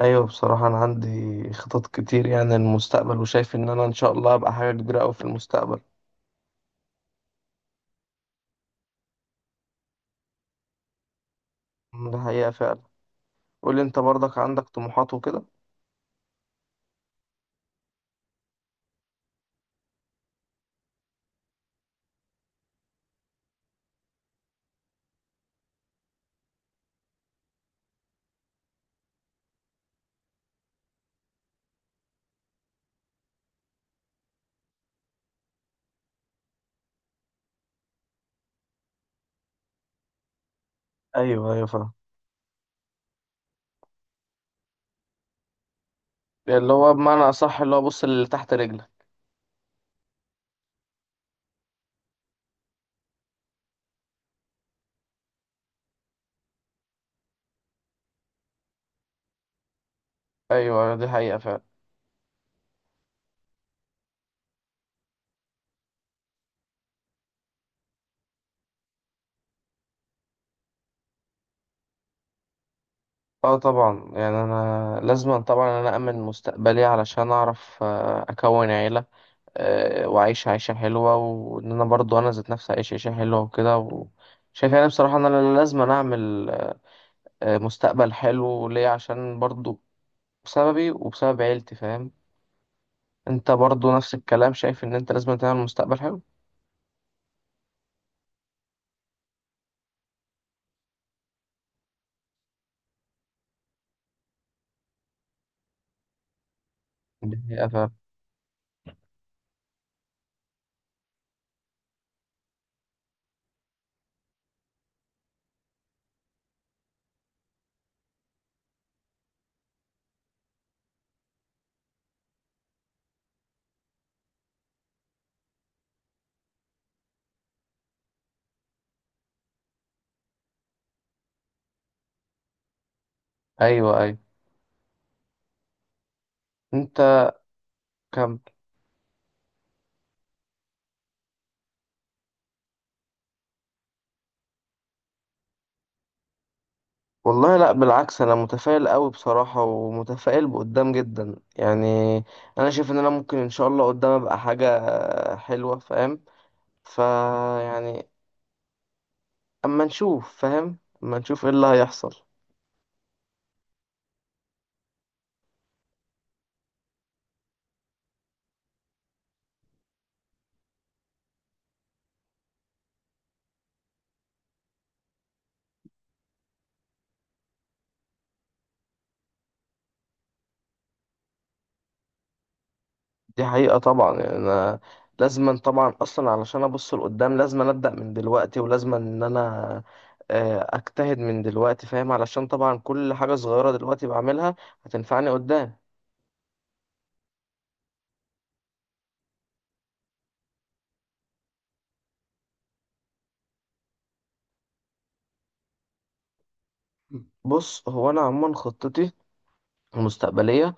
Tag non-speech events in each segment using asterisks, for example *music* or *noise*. ايوه، بصراحة انا عندي خطط كتير، يعني للمستقبل، وشايف ان انا ان شاء الله هبقى حاجة كبيرة اوي في المستقبل. ده حقيقة فعلا. قولي انت برضك، عندك طموحات وكده؟ ايوه ايوه، فاهم. اللي هو بمعنى اصح اللي هو، بص اللي تحت رجلك. ايوه أيوة، دي حقيقة فعلا. اه طبعا، يعني انا لازم طبعا انا امن مستقبلي علشان اعرف اكون عيلة واعيش عيشة حلوة، وان انا برضو انا ذات نفسي اعيش عيشة حلوة وكده. شايف يعني بصراحة ان انا لازم اعمل مستقبل حلو ليه، عشان برضو بسببي وبسبب عيلتي، فاهم. انت برضو نفس الكلام، شايف ان انت لازم تعمل مستقبل حلو؟ دي حقيقة، فاهم. ايوه ايوه. انت كم؟ والله لا، بالعكس، انا متفائل قوي بصراحة، ومتفائل بقدام جدا يعني. انا شايف ان انا ممكن ان شاء الله قدام ابقى حاجة حلوة، فاهم. فيعني، اما نشوف، فاهم، اما نشوف ايه اللي هيحصل. دي حقيقة طبعا. يعني أنا لازما طبعا أصلا علشان أبص لقدام، لازما أبدأ من دلوقتي، ولازما إن أنا أجتهد من دلوقتي، فاهم، علشان طبعا كل حاجة صغيرة دلوقتي بعملها هتنفعني قدام. بص، هو أنا عموما خطتي المستقبلية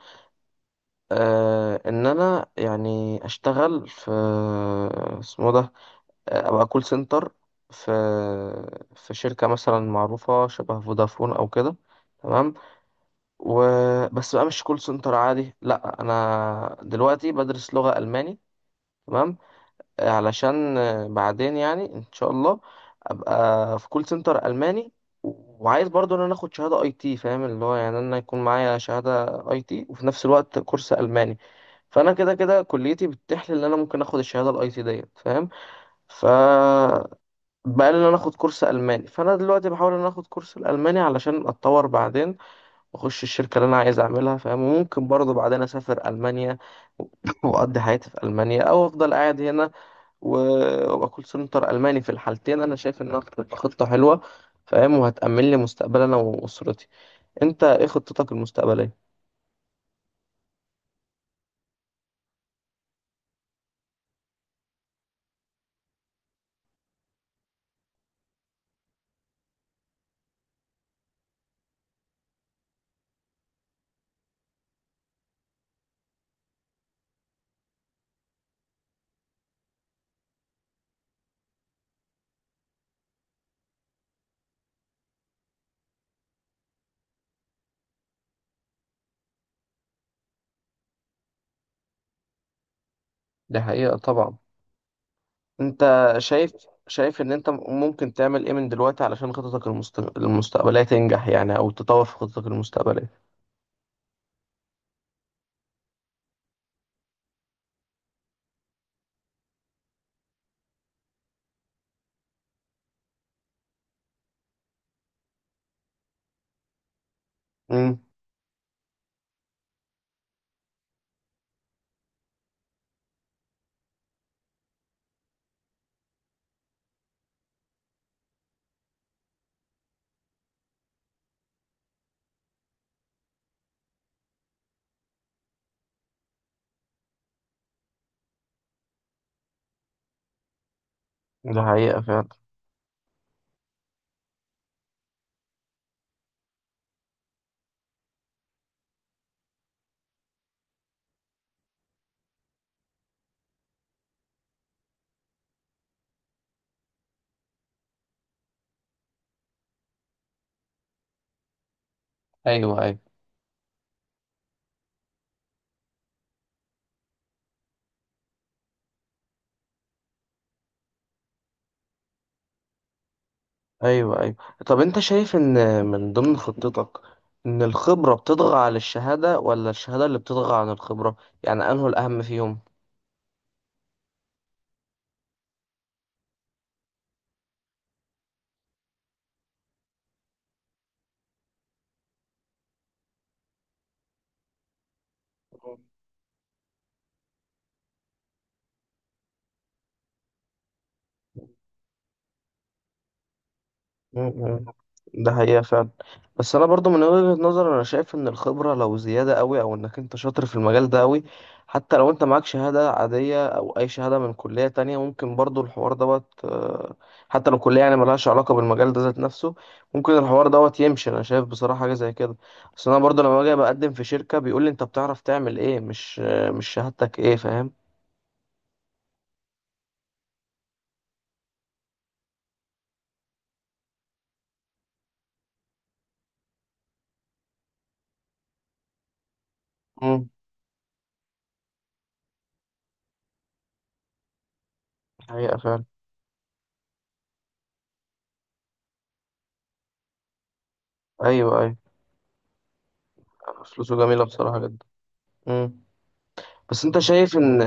إن أنا يعني أشتغل في، اسمه ده أبقى كول سنتر في في شركة مثلا معروفة شبه فودافون أو كده. تمام. و... بس بقى مش كول سنتر عادي، لا، انا دلوقتي بدرس لغة الماني. تمام علشان بعدين يعني ان شاء الله ابقى في كول سنتر الماني. و- وعايز برضو ان انا اخد شهادة اي تي، فاهم، اللي هو يعني انا يكون معايا شهادة اي تي وفي نفس الوقت كورس الماني. فانا كده كده كليتي بتتيح لي ان انا ممكن اخد الشهاده الاي تي ديت، فاهم. ف بقى لي ان انا اخد كورس الماني، فانا دلوقتي بحاول ان انا اخد كورس الالماني علشان اتطور، بعدين اخش الشركه اللي انا عايز اعملها، فاهم. وممكن برضه بعدين اسافر المانيا و- *laughs* واقضي حياتي في المانيا او افضل قاعد هنا و- وابقى كول سنتر الماني. في الحالتين انا شايف انها هتبقى خطه حلوه، فاهم، وهتأمن لي مستقبلي انا واسرتي. انت ايه خطتك المستقبليه؟ دي حقيقه طبعا. انت شايف شايف ان انت ممكن تعمل ايه من دلوقتي علشان خطتك المستقبليه تنجح يعني، او تطور في خطتك المستقبليه؟ امم ده حقيقه فعلا. ايوه ايوه. ايوه ايوه. طب، انت شايف ان من ضمن خطتك، ان الخبرة بتطغى على الشهادة ولا الشهادة اللي بتطغى عن الخبرة؟ يعني انه الاهم فيهم. مم. ده حقيقة فعلا. بس أنا برضو من وجهة نظري، أنا شايف إن الخبرة لو زيادة أوي، أو إنك أنت شاطر في المجال ده أوي، حتى لو أنت معاك شهادة عادية أو أي شهادة من كلية تانية، ممكن برضو الحوار دوت حتى لو كلية يعني ملهاش علاقة بالمجال ده ذات نفسه، ممكن الحوار دوت يمشي. أنا شايف بصراحة حاجة زي كده. بس أنا برضو لما باجي بقدم في شركة، بيقول لي أنت بتعرف تعمل إيه، مش شهادتك إيه، فاهم. مم. حقيقة فعلا. أيوه أيوه. فلوسه جميلة بصراحة جدا. مم. بس انت شايف ان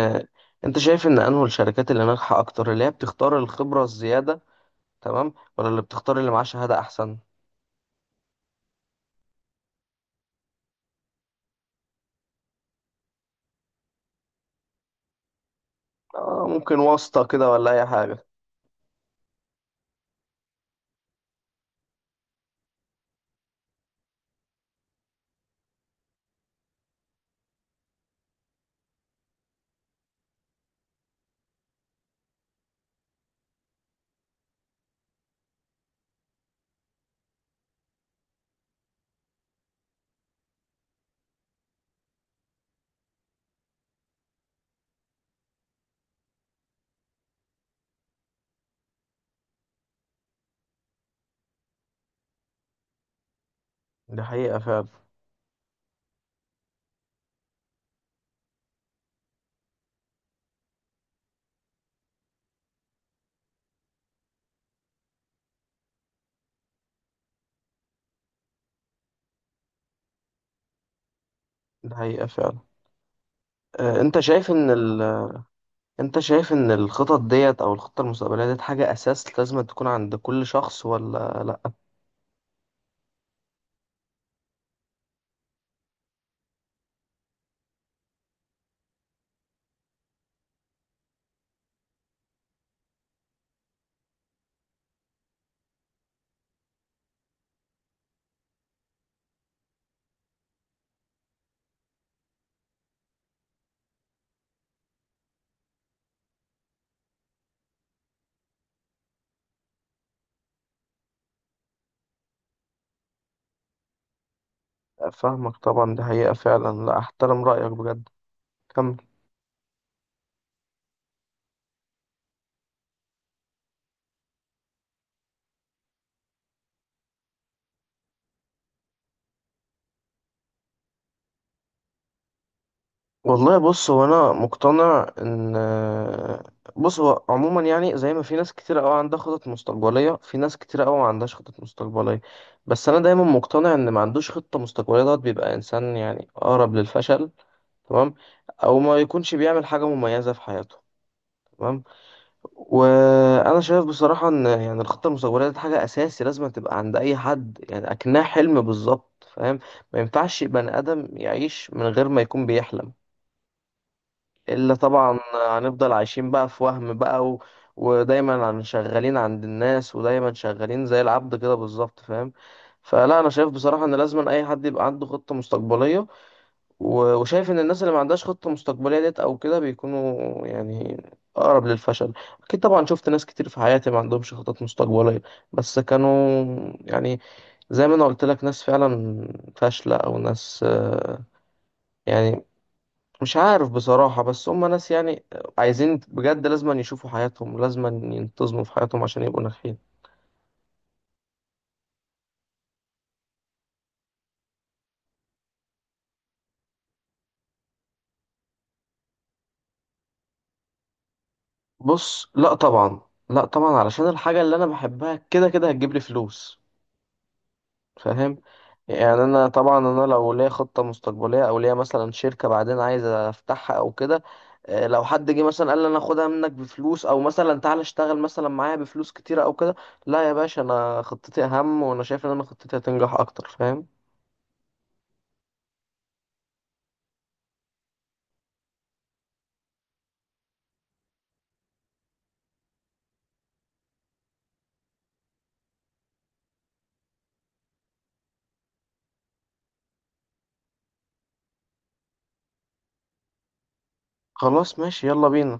انت شايف ان انه الشركات اللي ناجحه اكتر، اللي هي بتختار الخبره الزياده، تمام، ولا اللي بتختار اللي معاه شهاده احسن؟ آه، ممكن واسطه كده ولا اي حاجه. دي حقيقه فعلا. دي حقيقه فعلا. آه انت شايف ان ال... انت شايف ان الخطط ديت او الخطه المستقبليه ديت حاجه اساس لازم تكون عند كل شخص ولا لا؟ فاهمك طبعا، دي حقيقه فعلا، لا، احترم رايك بجد. كمل. والله، بص، هو عموما يعني زي ما في ناس كتير قوي عندها خطط مستقبليه، في ناس كتير قوي ما عندهاش خطط مستقبليه. بس انا دايما مقتنع ان ما عندوش خطه مستقبليه دوت بيبقى انسان يعني اقرب للفشل، تمام، او ما يكونش بيعمل حاجه مميزه في حياته، تمام. وانا شايف بصراحه ان يعني الخطه المستقبليه دي حاجه اساسي لازم تبقى عند اي حد، يعني اكنها حلم بالظبط، فاهم. ما ينفعش بني ادم يعيش من غير ما يكون بيحلم، إلا طبعا هنفضل عايشين بقى في وهم بقى و... ودايما شغالين عند الناس، ودايما شغالين زي العبد كده بالظبط، فاهم. فلا، انا شايف بصراحة ان لازم اي حد يبقى عنده خطة مستقبلية. و... وشايف ان الناس اللي ما عندهاش خطة مستقبلية ديت او كده بيكونوا يعني اقرب للفشل. اكيد طبعا شفت ناس كتير في حياتي ما عندهمش خطط مستقبلية، بس كانوا، يعني، زي ما انا قلت لك، ناس فعلا فاشلة، او ناس يعني مش عارف بصراحة، بس هم ناس يعني عايزين بجد لازم يشوفوا حياتهم، لازم ينتظموا في حياتهم عشان يبقوا ناجحين. بص لا طبعا، لا طبعا، علشان الحاجة اللي أنا بحبها كده كده هتجيب لي فلوس، فاهم. يعني أنا طبعا، أنا لو ليا خطة مستقبلية، أو ليا مثلا شركة بعدين عايز أفتحها أو كده لو حد جه مثلا قال لي، أنا أخدها منك بفلوس، أو مثلا تعالى اشتغل مثلا معايا بفلوس كتيرة أو كده، لا يا باشا، أنا خطتي أهم، وأنا شايف إن أنا خطتي هتنجح أكتر، فاهم. خلاص، ماشي، يلا بينا.